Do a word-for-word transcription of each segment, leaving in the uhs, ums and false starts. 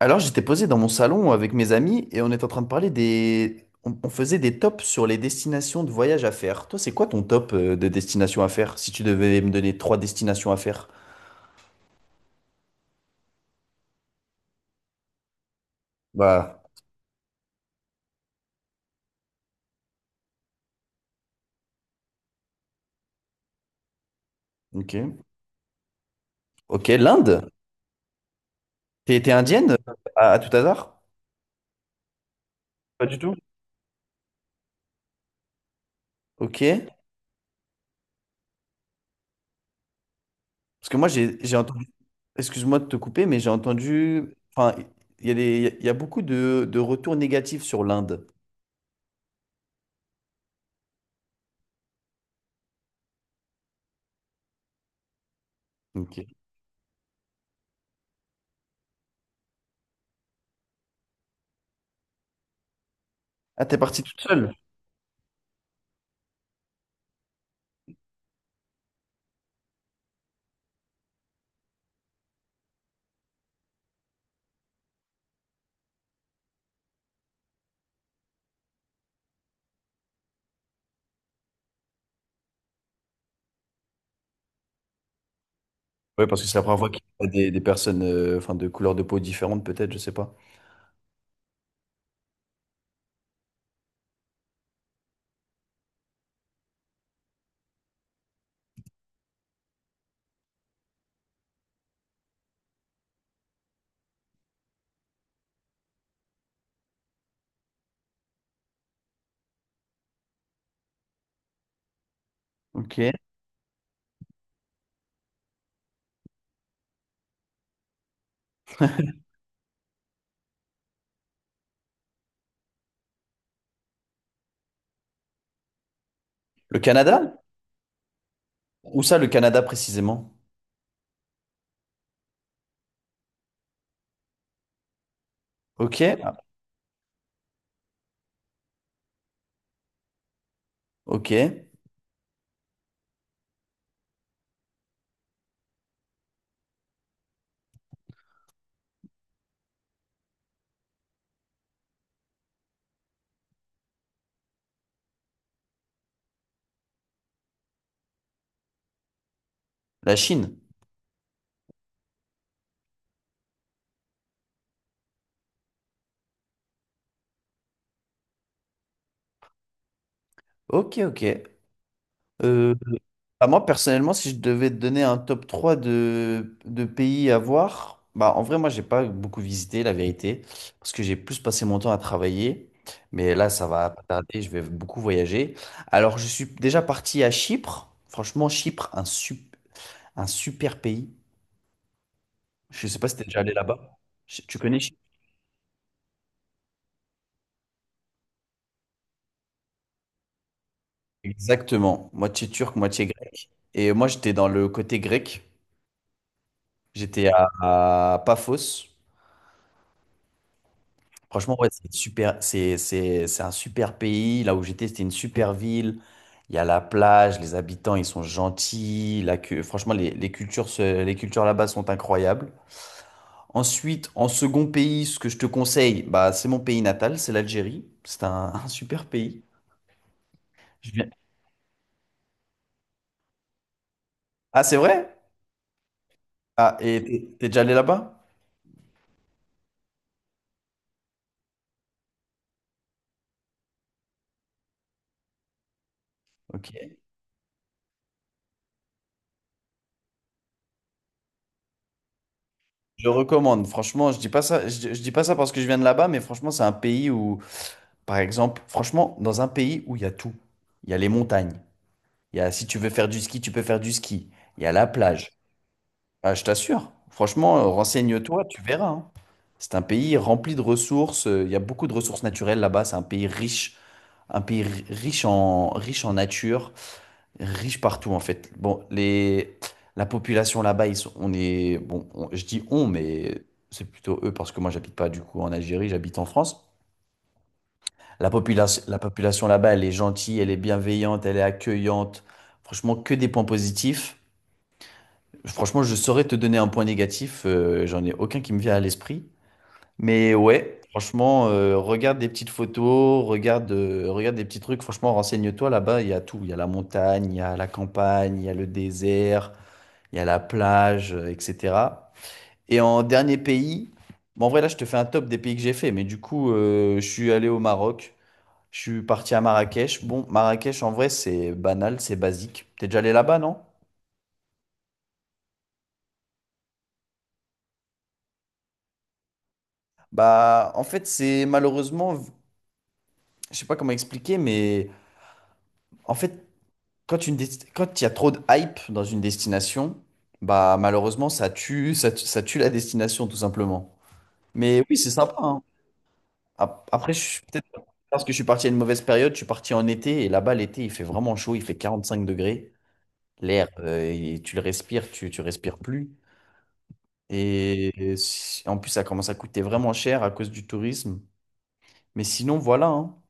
Alors, j'étais posé dans mon salon avec mes amis et on était en train de parler des... On, on faisait des tops sur les destinations de voyage à faire. Toi, c'est quoi ton top euh, de destination à faire si tu devais me donner trois destinations à faire? Bah, ok. Ok, l'Inde? T'es t'es indienne euh, à, à tout hasard? Pas du tout. Ok. Parce que moi, j'ai j'ai entendu... Excuse-moi de te couper, mais j'ai entendu... Enfin, il y a des- il y a beaucoup de, de retours négatifs sur l'Inde. Ok. Ah, t'es parti toute seule? Oui, parce que c'est la première fois qu'il y a des, des personnes euh, enfin, de couleurs de peau différentes, peut-être, je sais pas. Ok. Le Canada? Où ça, le Canada précisément? Ok. Ah, ok. La Chine? Ok, ok. Euh, bah, moi, personnellement, si je devais te donner un top trois de, de pays à voir, bah, en vrai, moi, j'ai pas beaucoup visité, la vérité, parce que j'ai plus passé mon temps à travailler. Mais là, ça va pas tarder, je vais beaucoup voyager. Alors, je suis déjà parti à Chypre. Franchement, Chypre, un, sup- un super pays. Je sais pas si t'es déjà allé là-bas. Je- Tu connais? Chypre. Exactement. Moitié turc, moitié grec. Et moi, j'étais dans le côté grec. J'étais à, à Paphos. Franchement, ouais, c'est super. C'est, c'est, c'est un super pays. Là où j'étais, c'était une super ville. Il y a la plage, les habitants, ils sont gentils. La, cu- franchement, les, les cultures, se- les cultures là-bas sont incroyables. Ensuite, en second pays, ce que je te conseille, bah, c'est mon pays natal, c'est l'Algérie. C'est un, un super pays. Je viens- Ah, c'est vrai? Ah, et t'es t'es déjà allé là-bas? Ok. Je recommande. Franchement, je dis pas ça, je, je dis pas ça parce que je viens de là-bas, mais franchement, c'est un pays où, par exemple, franchement, dans un pays où il y a tout. Il y a les montagnes. Il y a, si tu veux faire du ski, tu peux faire du ski. Il y a la plage. Ah, je t'assure. Franchement, euh, renseigne-toi, tu verras, hein. C'est un pays rempli de ressources. euh, Il y a beaucoup de ressources naturelles là-bas. C'est un pays riche, un pays ri- riche en, riche en nature, riche partout en fait. Bon, les, la population là-bas, ils sont- on est, bon, on- je dis on, mais c'est plutôt eux parce que moi j'habite pas du coup en Algérie, j'habite en France. La population, la population là-bas, elle est gentille, elle est bienveillante, elle est accueillante. Franchement, que des points positifs. Franchement, je saurais te donner un point négatif, euh, j'en ai aucun qui me vient à l'esprit. Mais ouais, franchement, euh, regarde des petites photos, regarde, euh, regarde des petits trucs. Franchement, renseigne-toi, là-bas il y a tout. Il y a la montagne, il y a la campagne, il y a le désert, il y a la plage, euh, et cetera. Et en dernier pays, bon, en vrai, là, je te fais un top des pays que j'ai fait. Mais du coup, euh, je suis allé au Maroc, je suis parti à Marrakech. Bon, Marrakech, en vrai, c'est banal, c'est basique. T'es déjà allé là-bas, non? Bah, en fait, c'est malheureusement, je sais pas comment expliquer, mais. En fait, quand une desti- quand il y a trop de hype dans une destination, bah malheureusement ça tue, ça tue, ça tue la destination tout simplement. Mais oui, c'est sympa, hein. Ap- Après, je suis peut-être parce que je suis parti à une mauvaise période, je suis parti en été et là-bas l'été il fait vraiment chaud, il fait quarante-cinq degrés. L'air, euh, et tu le respires, tu, tu respires plus. Et si- en plus ça commence à coûter vraiment cher à cause du tourisme. Mais sinon voilà, hein.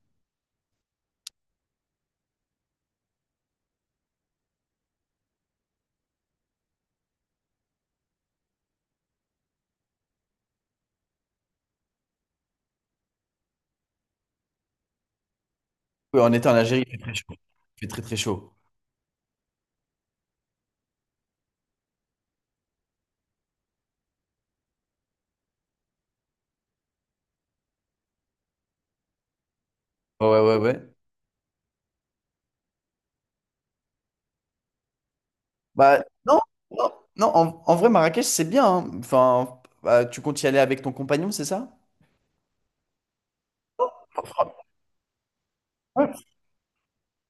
Oui, en été en Algérie il fait très chaud. Il fait très très chaud. Ouais ouais ouais, ouais. Bah, non, non, non, en, en vrai, Marrakech, c'est bien, hein. Enfin, bah, tu comptes y aller avec ton compagnon, c'est ça? Fran- ouais,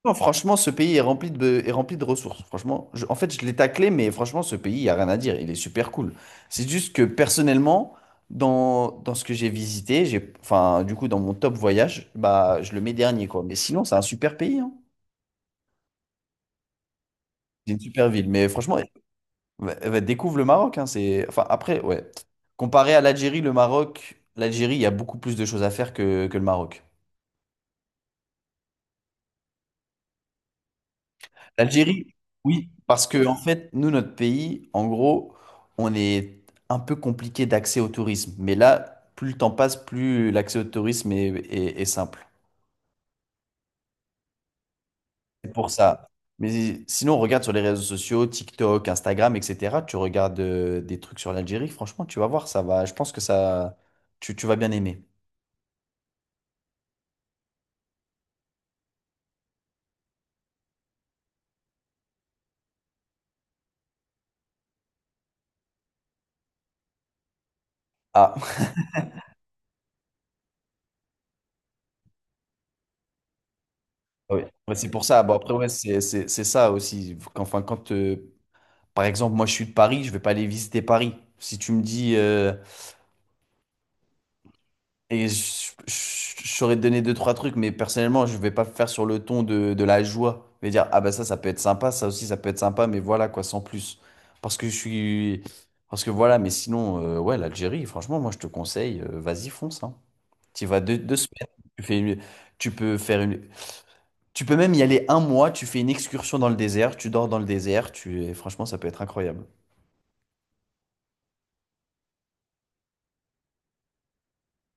non, franchement, ce pays est rempli de, est rempli de ressources. Franchement, je- en fait, je l'ai taclé, mais franchement, ce pays, il n'y a rien à dire. Il est super cool. C'est juste que personnellement, dans, dans ce que j'ai visité, j'ai, enfin, du coup, dans mon top voyage, bah, je le mets dernier, quoi. Mais sinon, c'est un super pays, hein. C'est une super ville. Mais franchement, bah, bah, découvre le Maroc, hein, c'est... Enfin, après, ouais. Comparé à l'Algérie, le Maroc, l'Algérie, il y a beaucoup plus de choses à faire que, que le Maroc. L'Algérie, oui, parce que, en fait, nous, notre pays, en gros, on est un peu compliqué d'accès au tourisme. Mais là, plus le temps passe, plus l'accès au tourisme est, est- est simple. C'est pour ça. Mais sinon, on regarde sur les réseaux sociaux, TikTok, Instagram, et cetera. Tu regardes euh, des trucs sur l'Algérie, franchement, tu vas voir, ça va. Je pense que ça, tu, tu vas bien aimer. Ah, oui, ouais, c'est pour ça. Bon, après, ouais, c'est c'est- c'est ça aussi. Enfin, quand, euh, par exemple, moi, je suis de Paris, je vais pas aller visiter Paris. Si tu me dis, euh, et je je- je saurais te donner deux, trois trucs, mais personnellement, je vais pas faire sur le ton de, de la joie. Je vais dire, ah bah ça, ça peut être sympa, ça aussi, ça peut être sympa, mais voilà, quoi, sans plus. Parce que je suis... Parce que voilà, mais sinon, euh, ouais, l'Algérie, franchement, moi, je te conseille, euh, vas-y, fonce, hein. Tu vas deux, deux semaines, tu fais une- tu peux faire une, tu peux même y aller un mois, tu fais une excursion dans le désert, tu dors dans le désert, tu... et franchement, ça peut être incroyable.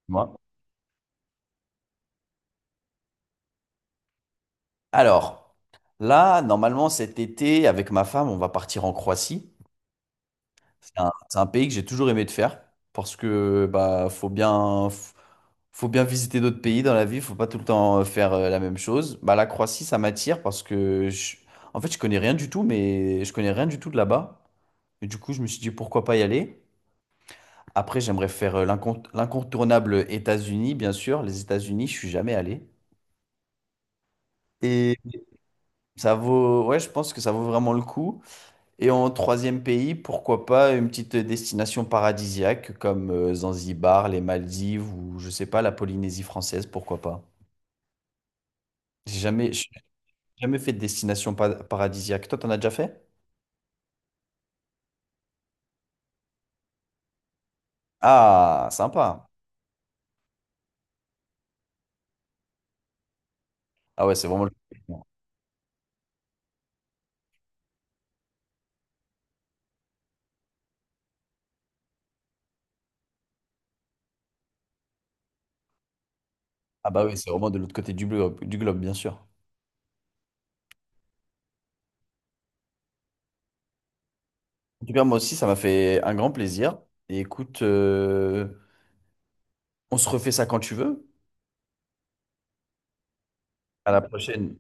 Moi. Alors, là, normalement, cet été, avec ma femme, on va partir en Croatie. C'est un, c'est un pays que j'ai toujours aimé de faire, parce que bah, faut bien, f- faut bien visiter d'autres pays dans la vie, faut pas tout le temps faire euh, la même chose. Bah, la Croatie, ça m'attire parce que, je- en fait, je connais rien du tout, mais je connais rien du tout de là-bas. Et du coup, je me suis dit, pourquoi pas y aller? Après, j'aimerais faire euh, l'incont- l'incontournable États-Unis, bien sûr. Les États-Unis, je suis jamais allé. Et ça vaut, ouais, je pense que ça vaut vraiment le coup. Et en troisième pays, pourquoi pas une petite destination paradisiaque comme euh, Zanzibar, les Maldives ou je sais pas, la Polynésie française, pourquoi pas. J'ai jamais, j'ai jamais fait de destination pa- paradisiaque. Toi, t'en as déjà fait? Ah, sympa. Ah ouais, c'est vraiment le... Ah bah oui, c'est vraiment de l'autre côté du globe, du globe, bien sûr. En tout cas, moi aussi, ça m'a fait un grand plaisir. Et écoute, euh, on se refait ça quand tu veux. À la prochaine.